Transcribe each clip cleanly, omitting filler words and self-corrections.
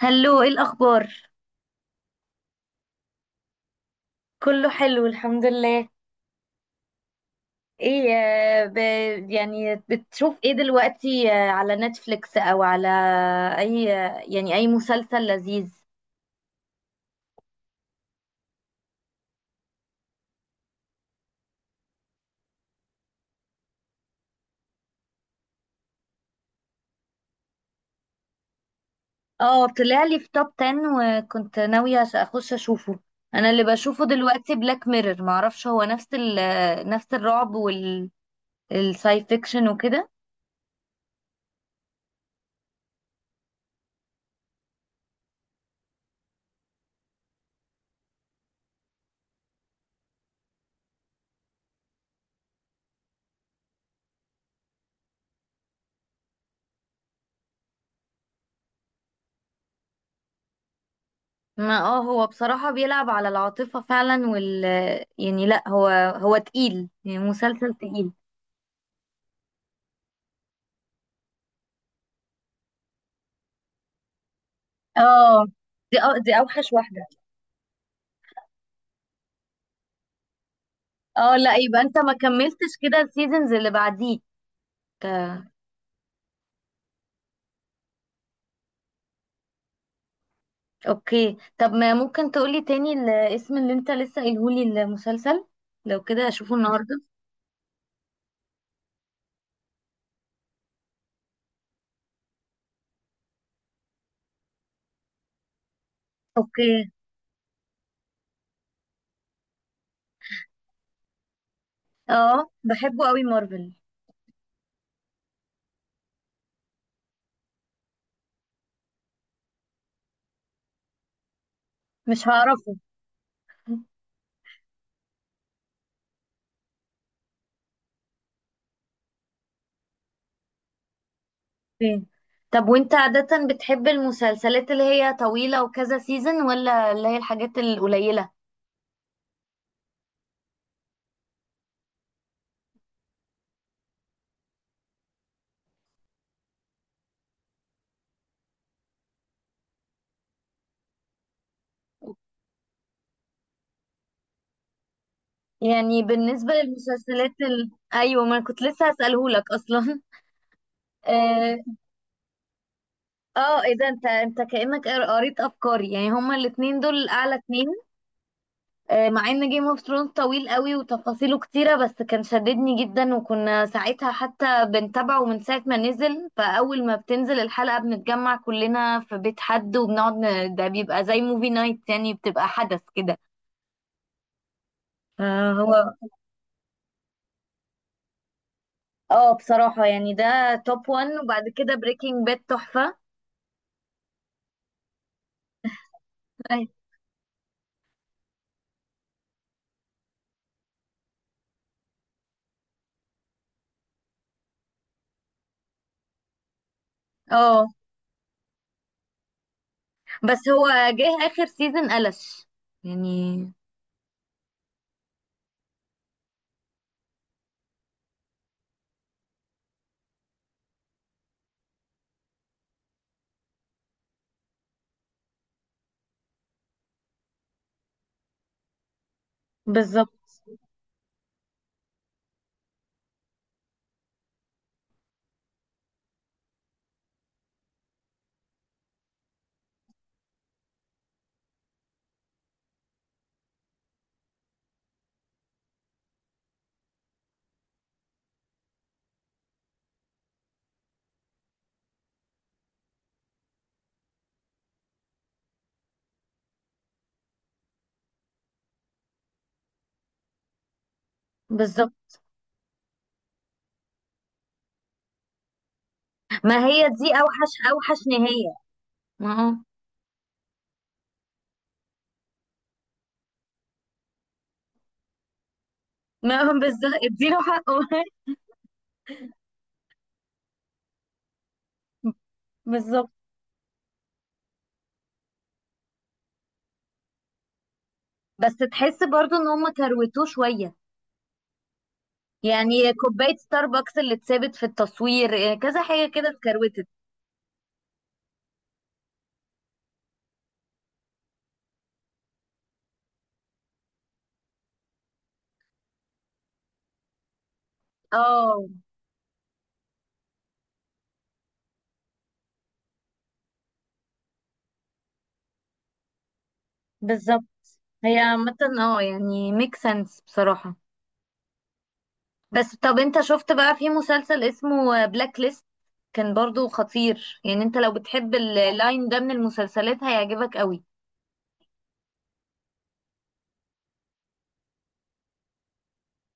هلو، ايه الاخبار؟ كله حلو الحمد لله. ايه يعني بتشوف ايه دلوقتي على نتفليكس او على اي يعني اي مسلسل لذيذ؟ اه طلع لي في توب 10 وكنت ناوية اخش اشوفه. انا اللي بشوفه دلوقتي بلاك ميرور، معرفش هو نفس ال... آه، نفس الرعب والساي فيكشن وكده. ما اه هو بصراحة بيلعب على العاطفة فعلا وال آه، يعني لا هو هو تقيل، يعني مسلسل تقيل. اه دي أو دي اوحش واحده. اه لا يبقى انت ما كملتش كده السيزونز اللي بعديك. آه، اوكي، طب ما ممكن تقولي تاني الاسم اللي انت لسه قايلهولي المسلسل؟ لو كده اشوفه النهارده. اوكي. اه بحبه قوي مارفل. مش هعرفه. اوكي. طب وانت عادة بتحب المسلسلات اللي هي طويلة وكذا سيزون، ولا اللي هي الحاجات القليلة؟ يعني بالنسبة ايوه، ما أنا كنت لسه هسألهولك اصلا. اه ايه ده، انت كأنك قريت افكاري، يعني هما الاتنين دول اعلى اتنين. مع ان جيم اوف ثرونز طويل قوي وتفاصيله كتيرة، بس كان شددني جدا، وكنا ساعتها حتى بنتابعه من ساعة ما نزل، فاول ما بتنزل الحلقة بنتجمع كلنا في بيت حد وبنقعد ده بيبقى زي موفي نايت، يعني بتبقى حدث كده. فهو اه بصراحة يعني ده توب وان، وبعد كده بريكنج باد تحفة. أي- اه بس هو جه اخر سيزون قلش يعني. بالظبط بالظبط. ما هي دي اوحش اوحش نهايه. ما هو ما هو بالظبط، اديله حقه. بالظبط. بس تحس برضو ان هم كروتوه شويه، يعني كوبايه ستاربكس اللي اتثابت في التصوير كذا حاجه كده اتكروتت. اه بالظبط. هي عامه اه يعني ميك سنس بصراحه. بس طب انت شفت بقى في مسلسل اسمه بلاك ليست؟ كان برضو خطير، يعني انت لو بتحب اللاين ده من المسلسلات هيعجبك قوي.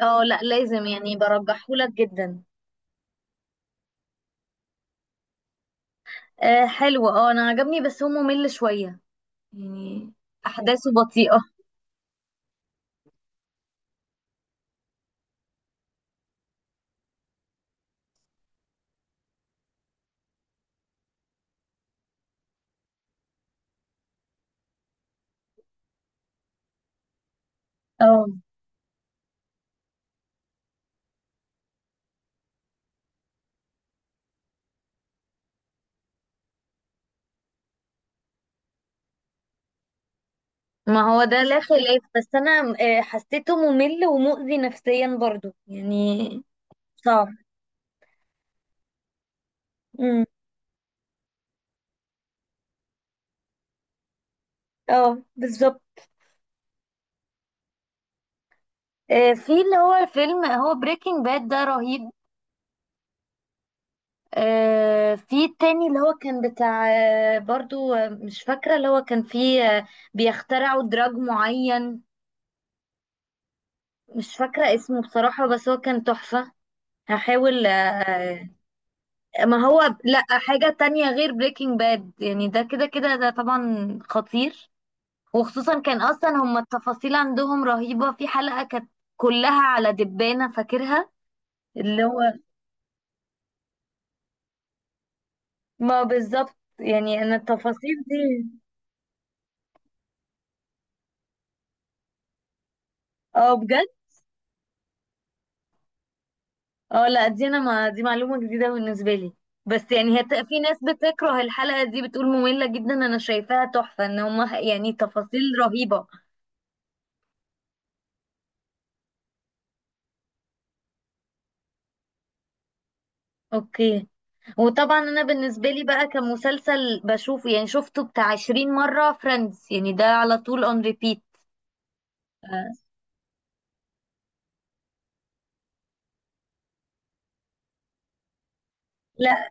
اه لا لازم، يعني برجحهولك جدا. آه حلو، اه انا عجبني بس هو ممل شوية يعني، احداثه بطيئة. اه ما هو ده لا خلاف، بس انا آه حسيته ممل ومؤذي نفسيا برضو يعني، صعب. امم. اه بالظبط. آه في اللي هو فيلم، هو بريكنج باد ده رهيب. آه في التاني اللي هو كان بتاع آه برضو آه، مش فاكرة، اللي هو كان فيه بيخترعوا دراج معين، مش فاكرة اسمه بصراحة، بس هو كان تحفة. هحاول ما هو لا حاجة تانية غير بريكنج باد، يعني ده كده كده ده طبعا خطير. وخصوصا كان اصلا هما التفاصيل عندهم رهيبة، في حلقة كانت كلها على دبانة فاكرها. اللي هو ما بالظبط، يعني انا التفاصيل دي. اه بجد. اه لا دي انا ما دي معلومة جديدة بالنسبة لي. بس يعني في ناس بتكره الحلقة دي، بتقول مملة جدا، انا شايفاها تحفة، ان هما يعني تفاصيل رهيبة. اوكي. وطبعا انا بالنسبه لي بقى كمسلسل بشوفه، يعني شفته بتاع 20 مره، فريندز يعني ده على طول اون ريبيت. لا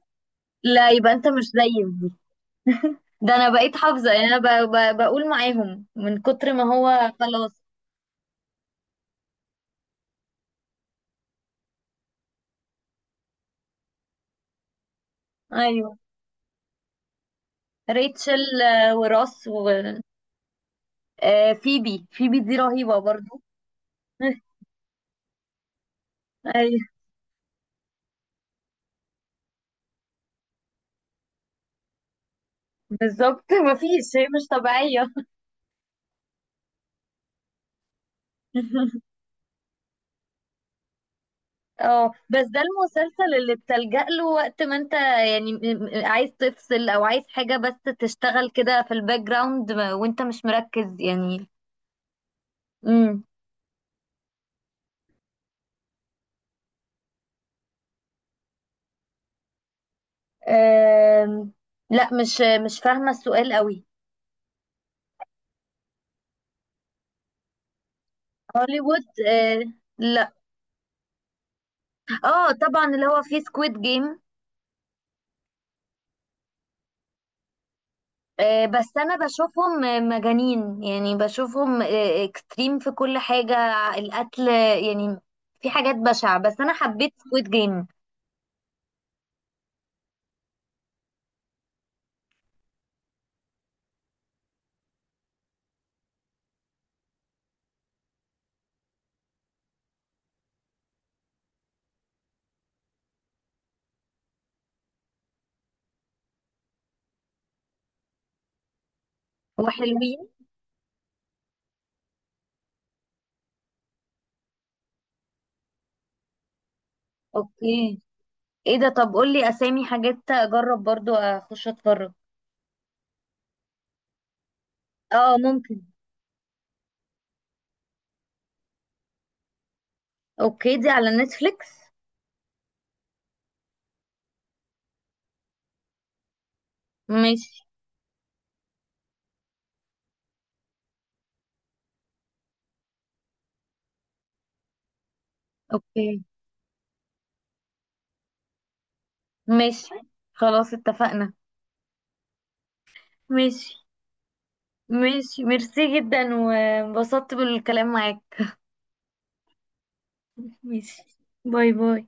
لا يبقى انت مش زيي. ده انا بقيت حافظه، يعني انا بقول معاهم من كتر ما هو، خلاص. ايوه ريتشل. آه، وراس و آه، فيبي، فيبي دي رهيبه برضو. ايوه بالظبط، مفيش هي مش طبيعيه. اه بس ده المسلسل اللي بتلجأ له وقت ما انت يعني عايز تفصل او عايز حاجة بس تشتغل كده في الباك جراوند وانت مش مركز يعني. امم. آم، لا مش مش فاهمة السؤال قوي. هوليوود لا. اه طبعا اللي هو فيه سكويد جيم. بس انا بشوفهم مجانين، يعني بشوفهم اكستريم في كل حاجة، القتل يعني، في حاجات بشعة، بس انا حبيت سكويد جيم وحلوين. اوكي. ايه ده، طب قولي اسامي حاجات اجرب برضو اخش اتفرج. اه ممكن. اوكي دي على نتفليكس؟ ماشي. اوكي. ماشي خلاص، اتفقنا. ماشي. ماشي، ميرسي جدا وانبسطت بالكلام معاك. ماشي. باي باي.